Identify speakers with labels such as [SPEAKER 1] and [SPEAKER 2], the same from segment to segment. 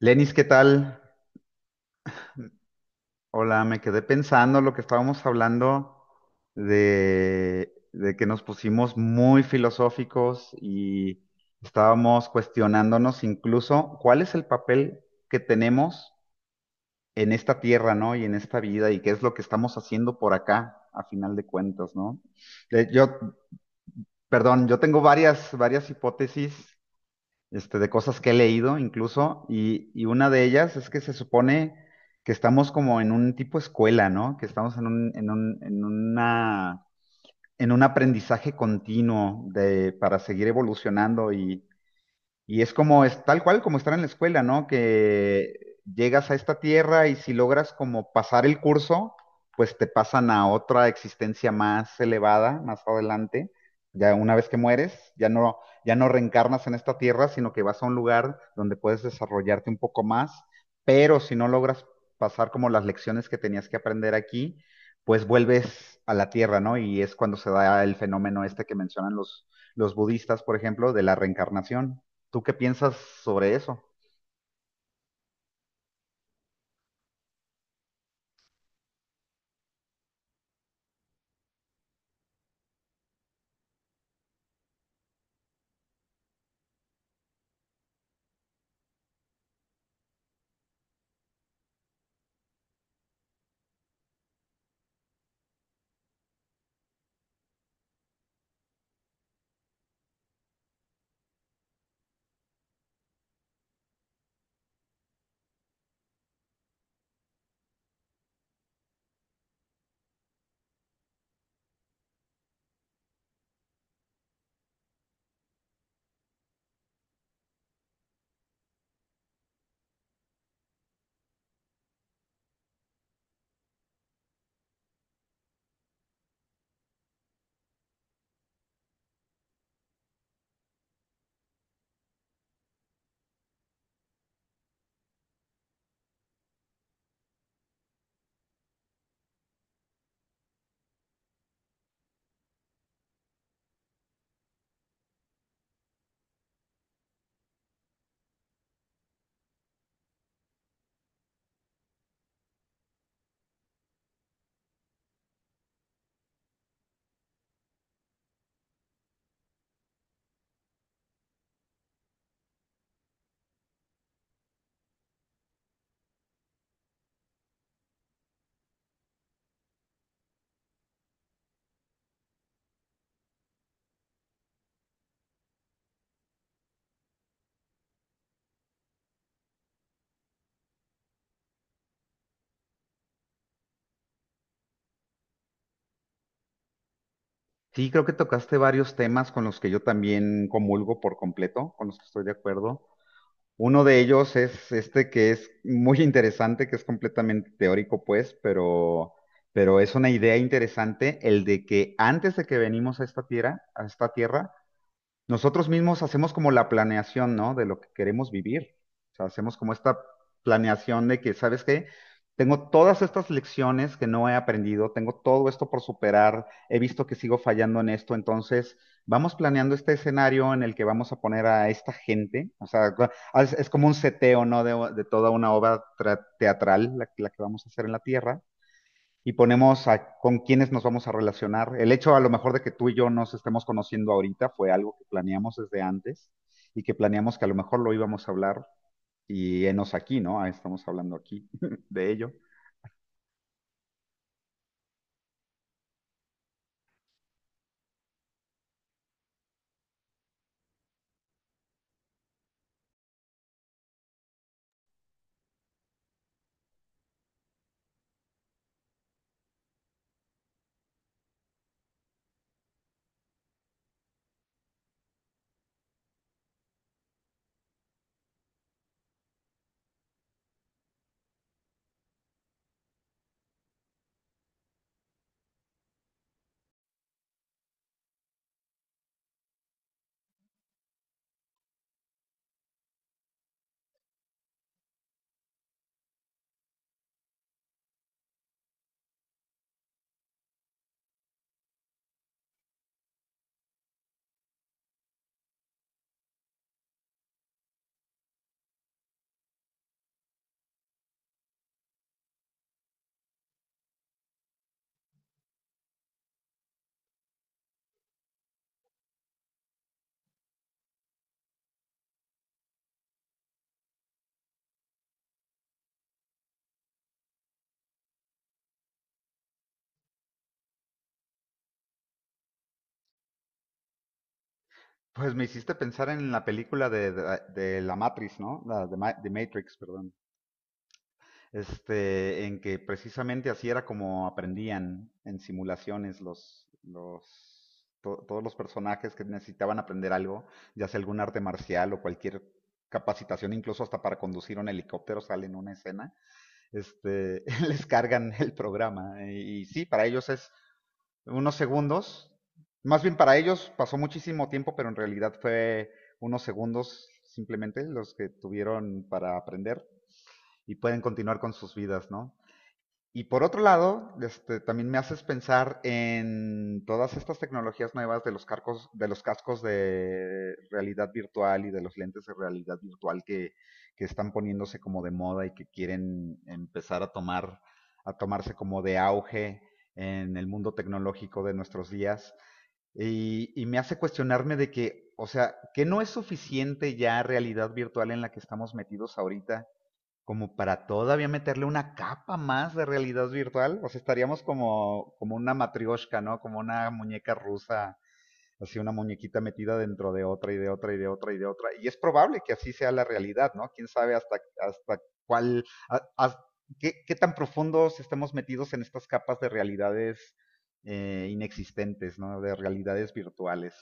[SPEAKER 1] Lenis, ¿qué tal? Hola, me quedé pensando lo que estábamos hablando de que nos pusimos muy filosóficos y estábamos cuestionándonos incluso cuál es el papel que tenemos en esta tierra, ¿no? Y en esta vida y qué es lo que estamos haciendo por acá, a final de cuentas, ¿no? Eh, Yo, perdón, yo tengo varias hipótesis de cosas que he leído incluso, y una de ellas es que se supone que estamos como en un tipo escuela, ¿no? Que estamos en un aprendizaje continuo de, para seguir evolucionando y es como, es tal cual como estar en la escuela, ¿no? Que llegas a esta tierra y si logras como pasar el curso, pues te pasan a otra existencia más elevada, más adelante. Ya una vez que mueres, ya no reencarnas en esta tierra, sino que vas a un lugar donde puedes desarrollarte un poco más. Pero si no logras pasar como las lecciones que tenías que aprender aquí, pues vuelves a la tierra, ¿no? Y es cuando se da el fenómeno este que mencionan los budistas, por ejemplo, de la reencarnación. ¿Tú qué piensas sobre eso? Sí, creo que tocaste varios temas con los que yo también comulgo por completo, con los que estoy de acuerdo. Uno de ellos es este que es muy interesante, que es completamente teórico, pues, pero es una idea interesante, el de que antes de que venimos a esta tierra, nosotros mismos hacemos como la planeación, ¿no? De lo que queremos vivir. O sea, hacemos como esta planeación de que, ¿sabes qué? Tengo todas estas lecciones que no he aprendido, tengo todo esto por superar, he visto que sigo fallando en esto, entonces vamos planeando este escenario en el que vamos a poner a esta gente, o sea, es como un seteo, ¿no? De toda una obra teatral, la que vamos a hacer en la Tierra y ponemos a, con quiénes nos vamos a relacionar. El hecho a lo mejor de que tú y yo nos estemos conociendo ahorita fue algo que planeamos desde antes y que planeamos que a lo mejor lo íbamos a hablar y enos aquí, ¿no? Ah, estamos hablando aquí de ello. Pues me hiciste pensar en la película de la Matrix, ¿no? La de, de Matrix, perdón. En que precisamente así era como aprendían en simulaciones todos los personajes que necesitaban aprender algo, ya sea algún arte marcial o cualquier capacitación, incluso hasta para conducir un helicóptero sale en una escena, este, les cargan el programa. Y sí, para ellos es unos segundos, más bien para ellos pasó muchísimo tiempo, pero en realidad fue unos segundos simplemente los que tuvieron para aprender y pueden continuar con sus vidas, ¿no? Y por otro lado, también me haces pensar en todas estas tecnologías nuevas de los carcos, de los cascos de realidad virtual y de los lentes de realidad virtual que están poniéndose como de moda y que quieren empezar a a tomarse como de auge en el mundo tecnológico de nuestros días. Y me hace cuestionarme de que, o sea, que no es suficiente ya realidad virtual en la que estamos metidos ahorita como para todavía meterle una capa más de realidad virtual. O sea, estaríamos como, como una matrioshka, ¿no? Como una muñeca rusa, así una muñequita metida dentro de otra y de otra y de otra y de otra. Y es probable que así sea la realidad, ¿no? Quién sabe hasta cuál, a- a- qué tan profundos estemos metidos en estas capas de realidades inexistentes, ¿no? De realidades virtuales.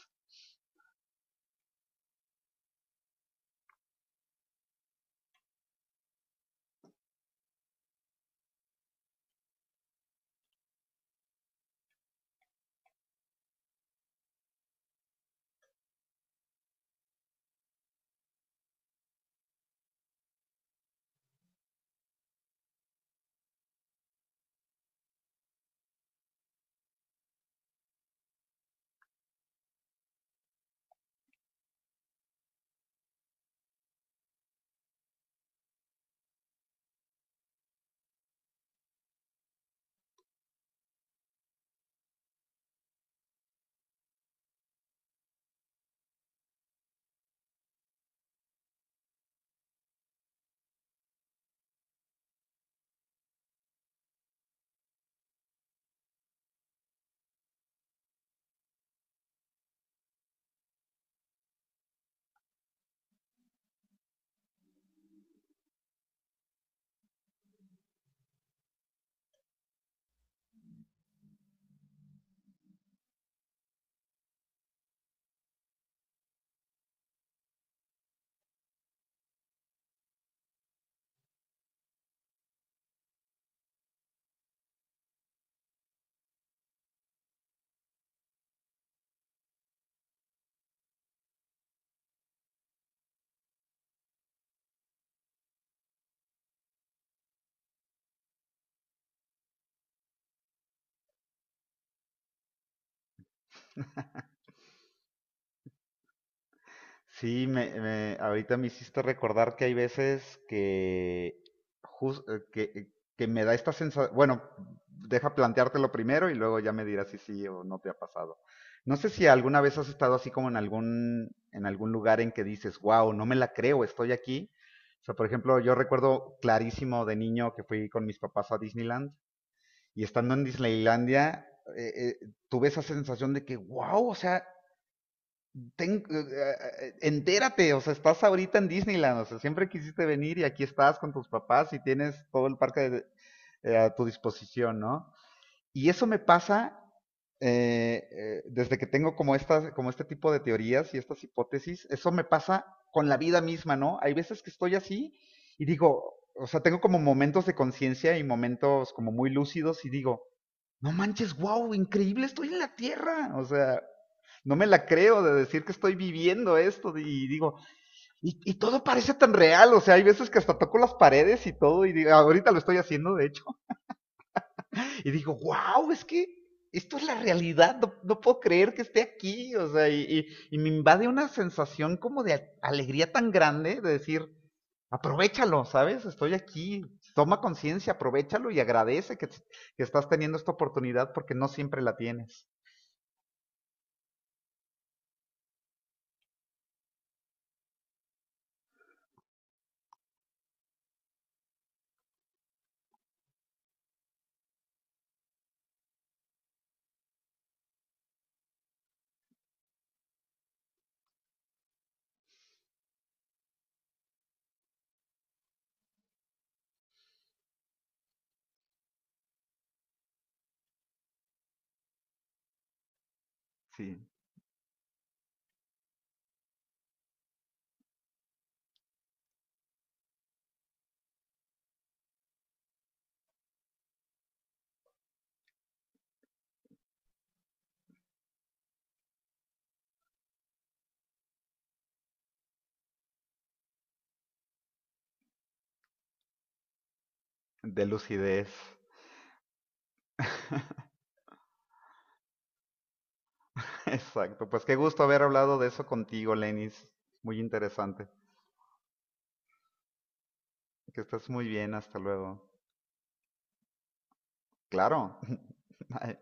[SPEAKER 1] Sí, ahorita me hiciste recordar que hay veces que, jus- eh, que, que me da esta sensación, bueno, deja planteártelo primero y luego ya me dirás si sí o no te ha pasado. No sé si alguna vez has estado así como en algún lugar en que dices, wow, no me la creo, estoy aquí. O sea, por ejemplo, yo recuerdo clarísimo de niño que fui con mis papás a Disneyland y estando en Disneylandia, eh, tuve esa sensación de que, wow, o sea, ten- eh, entérate, o sea, estás ahorita en Disneyland, o sea, siempre quisiste venir y aquí estás con tus papás y tienes todo el parque a tu disposición, ¿no? Y eso me pasa desde que tengo como, estas, como este tipo de teorías y estas hipótesis, eso me pasa con la vida misma, ¿no? Hay veces que estoy así y digo, o sea, tengo como momentos de conciencia y momentos como muy lúcidos y digo, no manches, wow, increíble, estoy en la Tierra. O sea, no me la creo de decir que estoy viviendo esto y digo, y todo parece tan real, o sea, hay veces que hasta toco las paredes y todo y digo, ahorita lo estoy haciendo, de hecho, y digo, wow, es que esto es la realidad, no, no puedo creer que esté aquí, o sea, y me invade una sensación como de alegría tan grande de decir, aprovechalo, ¿sabes? Estoy aquí, toma conciencia, aprovechalo y agradece que estás teniendo esta oportunidad porque no siempre la tienes. Sí, de lucidez. Exacto, pues qué gusto haber hablado de eso contigo, Lenis. Muy interesante. Que estés muy bien, hasta luego. Claro. Bye.